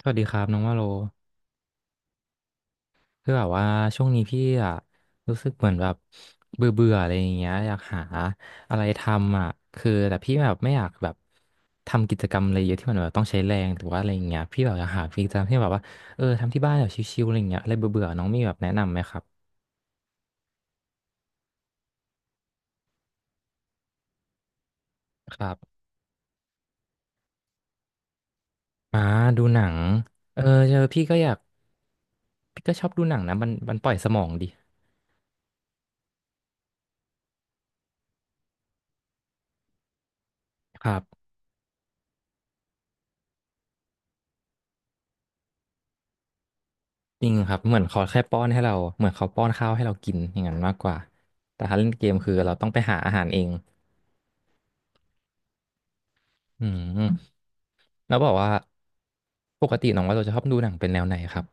สวัสดีครับน้องว่าโลคือแบบว่าช่วงนี้พี่อะรู้สึกเหมือนแบบเบื่อเบื่ออะไรอย่างเงี้ยอยากหาอะไรทำอ่ะคือแต่พี่แบบไม่อยากแบบทำกิจกรรมอะไรเยอะที่มันแบบต้องใช้แรงหรือว่าอะไรอย่างเงี้ยพี่แบบอยากหากิจกรรมที่แบบว่าทำที่บ้านแบบชิลๆอะไรอย่างเงี้ยอะไรเบื่อเบื่อน้องมีแบบแนะนำไหมครับครับอ่าดูหนังเออเจอพี่ก็อยากพี่ก็ชอบดูหนังนะมันปล่อยสมองดีครับ จริงครับเหมือนเขาแค่ป้อนให้เราเหมือนเขาป้อนข้าวให้เรากินอย่างนั้นมากกว่าแต่ถ้าเล่นเกมคือเราต้องไปหาอาหารเองอืมแล้วบอกว่าปกติน้องว่าเราจะชอบดูหนังเป็นแนวไหนครับ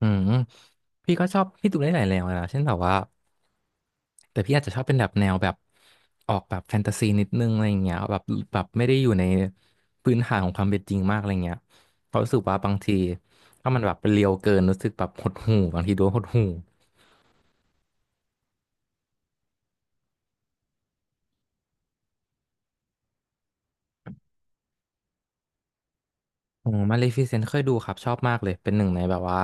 อืมพี่ก็ชอบพี่ดูได้หลายแนวเลยนะเช่นแบบว่าแต่พี่อาจจะชอบเป็นแบบแนวแบบออกแบบแฟนตาซีนิดนึงอะไรอย่างเงี้ยแบบแบบไม่ได้อยู่ในพื้นฐานของความเป็นจริงมากอะไรเงี้ยเพราะรู้สึกว่าบางทีถ้ามันแบบเรียวเกินรู้สึกแบบหดหู่บางทีดูแล้วหดหู่ โอ้มาเลฟิเซนต์เคยดูครับชอบมากเลยเป็นหนึ่งในแบบว่า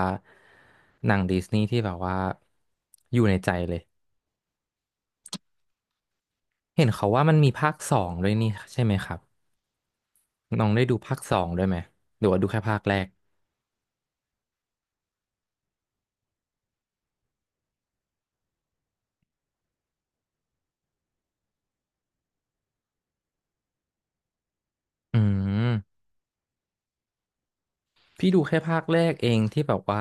หนังดิสนีย์ที่แบบว่าอยู่ในใจเลยเห็นเขาว่ามันมีภาคสองด้วยนี่ใช่ไหมครับน้องได้ดูภาคสองด้วยไหมหรือว่าดูแค่ภาคแรกอืมพี่ดูแค่ภาคแรกเองที่แบบว่า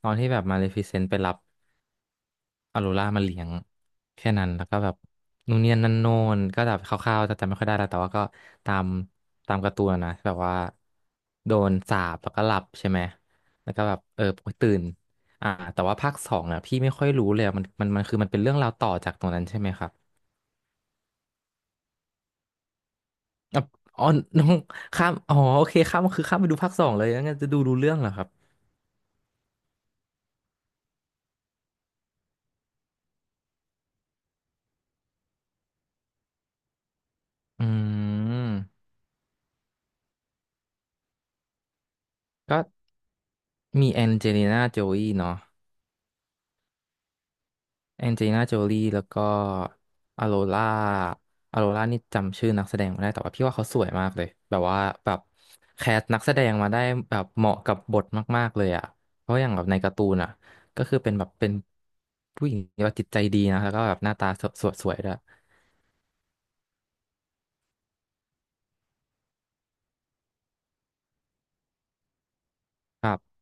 ตอนที่แบบมาเลฟิเซนต์ไปรับ ออโรรามาเลี้ยงแค่นั้นแล้วก็แบบนู่นเนี่ยนั่นโน่นก็แบบคร่าวๆแต่จำไม่ค่อยได้แล้วแต่ว่าก็ตามตามการ์ตูนนะแบบว่าโดนสาปแล้วก็หลับใช่ไหมแล้วก็แบบตื่นอ่าแต่ว่าภาคสองเนี่ยพี่ไม่ค่อยรู้เลยอะมันคือมันเป็นเรื่องราวต่อจากตรงนั้นใช่ไหมครับอ่ะอ๋อน้องข้ามอ๋อโอเคข้ามคือข้ามไปดูภาคสองเลยงั้นจะดูรู้เรื่องเหรอครับอืมก็มีแองเจลิน่าโจลีเนาะ แองเจลิน่าโจลี่แล้วก็อโรล่าอโรล่านี่จำชื่อนักแสดงไม่ได้ แต่ว่าพี่ว่าเขาสวยมากเลย แบบว่าแบบแคสนักแสดงมาได้แบบเหมาะกับบทมากๆเลยอ่ะ เพราะอย่างแบบในการ์ตูนอ่ะ ก็คือเป็นผู้หญิงที่ว่าจิตใจดีนะแล้วก็แบบหน้าตาสวยสวยด้วยครับ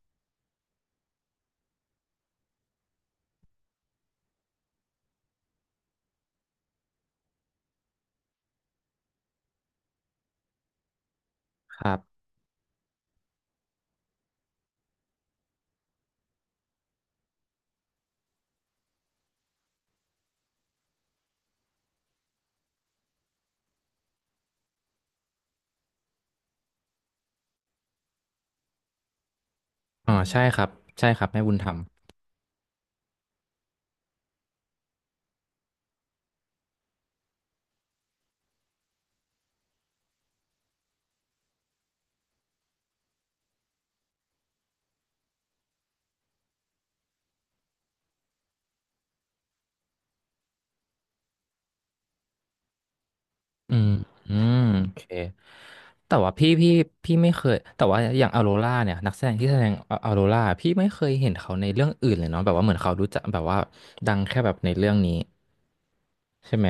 ครับอ๋อใช่ครับใช่ครับแม่บุญธรรม อืมอืมโอเคแต่ว่าพี่ไม่เคยแต่ว่าอย่างออโรราเนี่ยนักแสดงที่แสดงออโรราพี่ไม่เคยเห็นเขาในเรื่องอื่นเลยเนาะแบบว่าเหมือนเขารู้จักแบบว่าดังแค่แบบในเรื่องนี้ใช่ไหม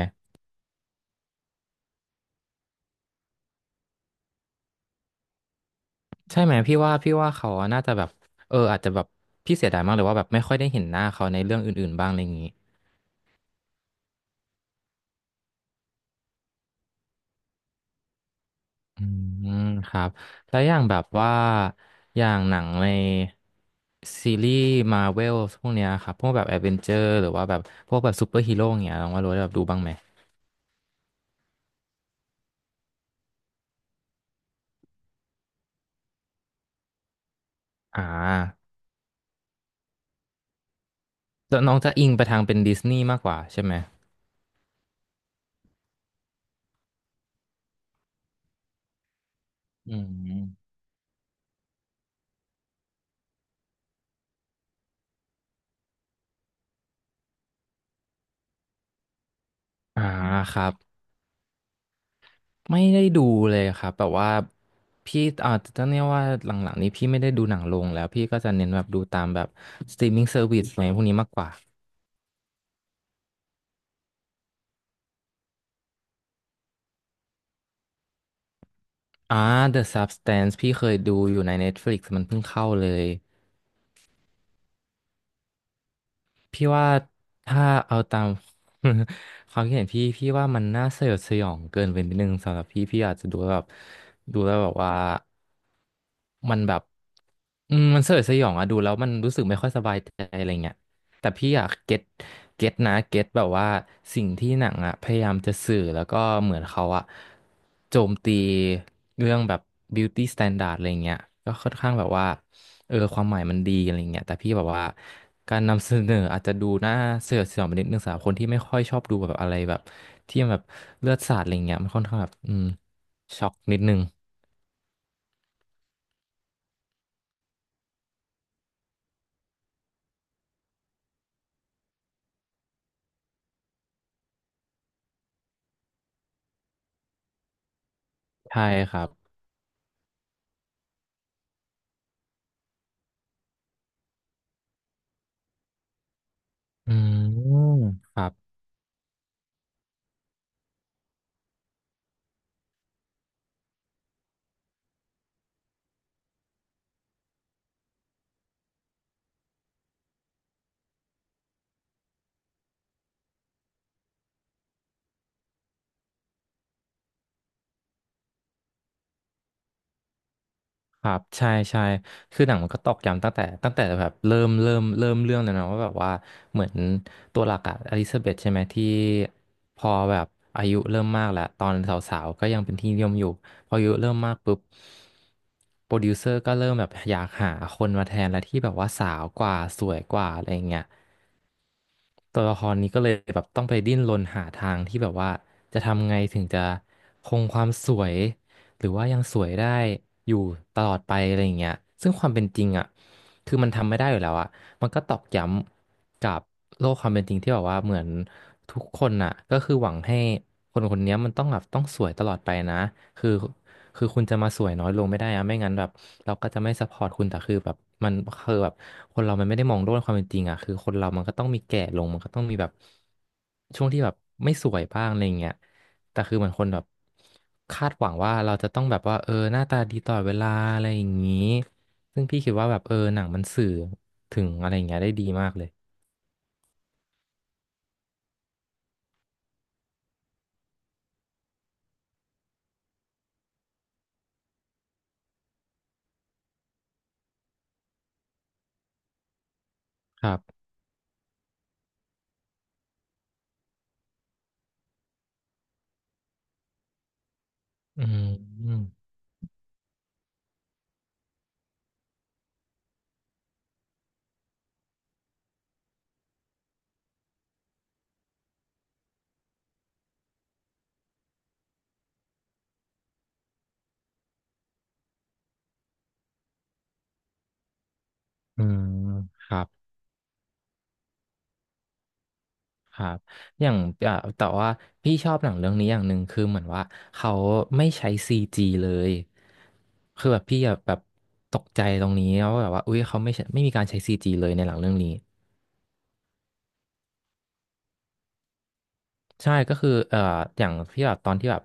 ใช่ไหมพี่ว่าเขาน่าจะแบบอาจจะแบบพี่เสียดายมากเลยว่าแบบไม่ค่อยได้เห็นหน้าเขาในเรื่องอื่นๆบ้างอะไรอย่างนี้ อืมครับแล้วอย่างแบบว่าอย่างหนังในซีรีส์มาเวลพวกเนี้ยครับพวกแบบแอดเวนเจอร์หรือว่าแบบพวกแบบซูเปอร์ฮีโร่ยเงี้ยน้องว่ารู้ได้แบบดูบ้างไหมอ่าแล้วน้องจะอิงไปทางเป็นดิสนีย์มากกว่าใช่ไหมอืมอ่าครับไม่ได้ดูเลยครับแบบว่าพี่ต้องเรียกว่าหลังๆนี้พี่ไม่ได้ดูหนังลงแล้วพี่ก็จะเน้นแบบดูตามแบบสตรีมมิ่งเซอร์วิสอะไรพวกนี้มากกว่า อ่า The Substance พี่เคยดูอยู่ใน Netflix มันเพิ่งเข้าเลยพี่ว่าถ้าเอาตาม ความคิดเห็นพี่พี่ว่ามันน่าสยดสยองเกินไปนิดนึงสำหรับพี่พี่อาจจะดูแล้วแบบดูแล้วแบบว่ามันแบบมันสยดสยองอะดูแล้วมันรู้สึกไม่ค่อยสบายใจอะไรเงี้ย แต่พี่อะเก็ตแบบว่าสิ่งที่หนังอะพยายามจะสื่อแล้วก็เหมือนเขาอะโจมตีเรื่องแบบ beauty standard อะไรเงี้ยก็ค่อนข้างแบบว่าความหมายมันดีอะไรเงี้ยแต่พี่แบบว่าการนำเสนออาจจะดูน่าเสียดสีไปนิดนึงสำหรับคนที่ไม่ค่อยชอบดูแบบอะไรแบบที่มันแบบเลือดสาดอะไรเงี้ยมันค่อนข้างแบบอืมช็อกนิดนึงใช่ครับอืมครับ ครับใช่ใช่คือหนังมันก็ตอกย้ำตั้งแต่แบบเริ่มเรื่องเลยนะว่าแบบว่าเหมือนตัวหลักอะอลิซาเบธใช่ไหมที่พอแบบอายุเริ่มมากแล้วตอนสาวๆก็ยังเป็นที่นิยมอยู่พออายุเริ่มมากปุ๊บโปรดิวเซอร์ก็เริ่มแบบอยากหาคนมาแทนและที่แบบว่าสาวกว่าสวยกว่าอะไรอย่างเงี้ย ตัวละครนี้ก็เลยแบบต้องไปดิ้นรนหาทางที่แบบว่าจะทำไงถึงจะคงความสวยหรือว่ายังสวยได้อยู่ตลอดไปอะไรอย่างเงี้ยซึ่งความเป็นจริงอ่ะคือมันทำไม่ได้อยู่แล้วอ่ะมันก็ตอกย้ำกับโลกความเป็นจริงที่แบบว่าเหมือนทุกคนอ่ะก็คือหวังให้คนคนเนี้ยมันต้องแบบต้องสวยตลอดไปนะคือ คือคุณจะมาสวยน้อยลงไม่ได้อะไม่งั้นแบบเราก็จะไม่ซัพพอร์ตคุณแต่คือแบบมันคือแบบคนเรามันไม่ได้มองโลกความเป็นจริงอะคือคนเรามันก็ต้องมีแก่ลงมันก็ต้องมีแบบช่วงที่แบบไม่สวยบ้างอะไรเงี้ยแต่คือเหมือนคนแบบคาดหวังว่าเราจะต้องแบบว่าเออหน้าตาดีตลอดเวลาอะไรอย่างนี้ซึ่งพี่คิดว่าแบบเออหนังมันสื่อถึงอะไรอย่างเงี้ยได้ดีมากเลยครับอืมอืมครับ ครับอย่างอ่ะแต่ว่าพี่ชอบหนังเรื่องนี้อย่างหนึ่งคือเหมือนว่าเขาไม่ใช้ซีจีเลย คือแบบพี่อะแบบตกใจตรงนี้ว่าแบบว่าอุ๊ยเขาไม่ใช้ไม่มีการใช้ซีจีเลยในหนังเรื่องนี้ ใช่ก็คืออย่างที่แบบตอนที่แบบ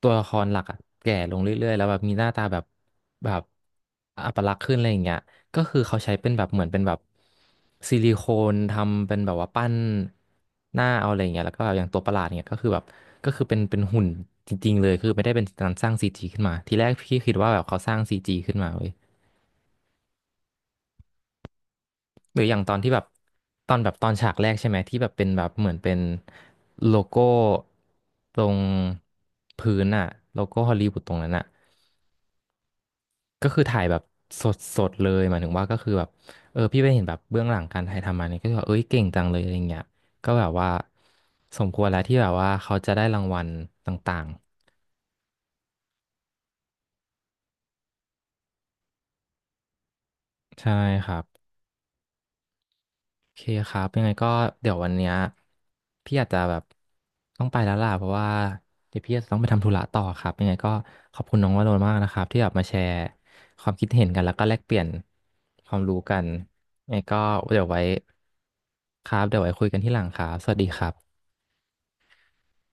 ตัวละครหลักอะแก่ลงเรื่อยๆแล้วแบบมีหน้าตาแบบแบบอัปลักษณ์ขึ้นอะไรอย่างเงี้ยก็คือเขาใช้เป็นแบบเหมือนเป็นแบบซิลิโคนทำเป็นแบบว่าปั้นหน้าเอาอะไรอย่างเงี้ยแล้วก็แบบอย่างตัวประหลาดเนี่ยก็คือแบบก็คือเป็นหุ่นจริงๆเลยคือไม่ได้เป็นการสร้างซีจีขึ้นมาทีแรกพี่คิดว่าแบบเขาสร้างซีจีขึ้นมาเว้ย หรืออย่างตอนที่แบบตอนฉากแรกใช่ไหมที่แบบเป็นแบบเหมือนเป็นโลโก้ตรงพื้นอะโลโก้ฮอลลีวูดตรงนั้นอะก็คือถ่ายแบบสดสดเลยหมายถึงว่าก็คือแบบเออพี่ไปเห็นแบบเบื้องหลังการถ่ายทำมาเนี่ยก็คือแบบเอ้ยเก่งจังเลยอะไรเงี้ยก็แบบว่าสมควรแล้วที่แบบว่าเขาจะได้รางวัลต่างๆใช่ครับ โอเคครับยังไงก็เดี๋ยววันเนี้ยพี่อาจจะแบบต้องไปแล้วล่ะเพราะว่าเดี๋ยวพี่อาจจะต้องไปทำธุระต่อครับยังไงก็ขอบคุณน้องวโรจน์มากนะครับที่แบบมาแชร์ความคิดเห็นกันแล้วก็แลกเปลี่ยนความรู้กันยังไงก็เดี๋ยวไว้ครับเดี๋ยวไว้คุยกันที่หลังครับสวัสดีครับ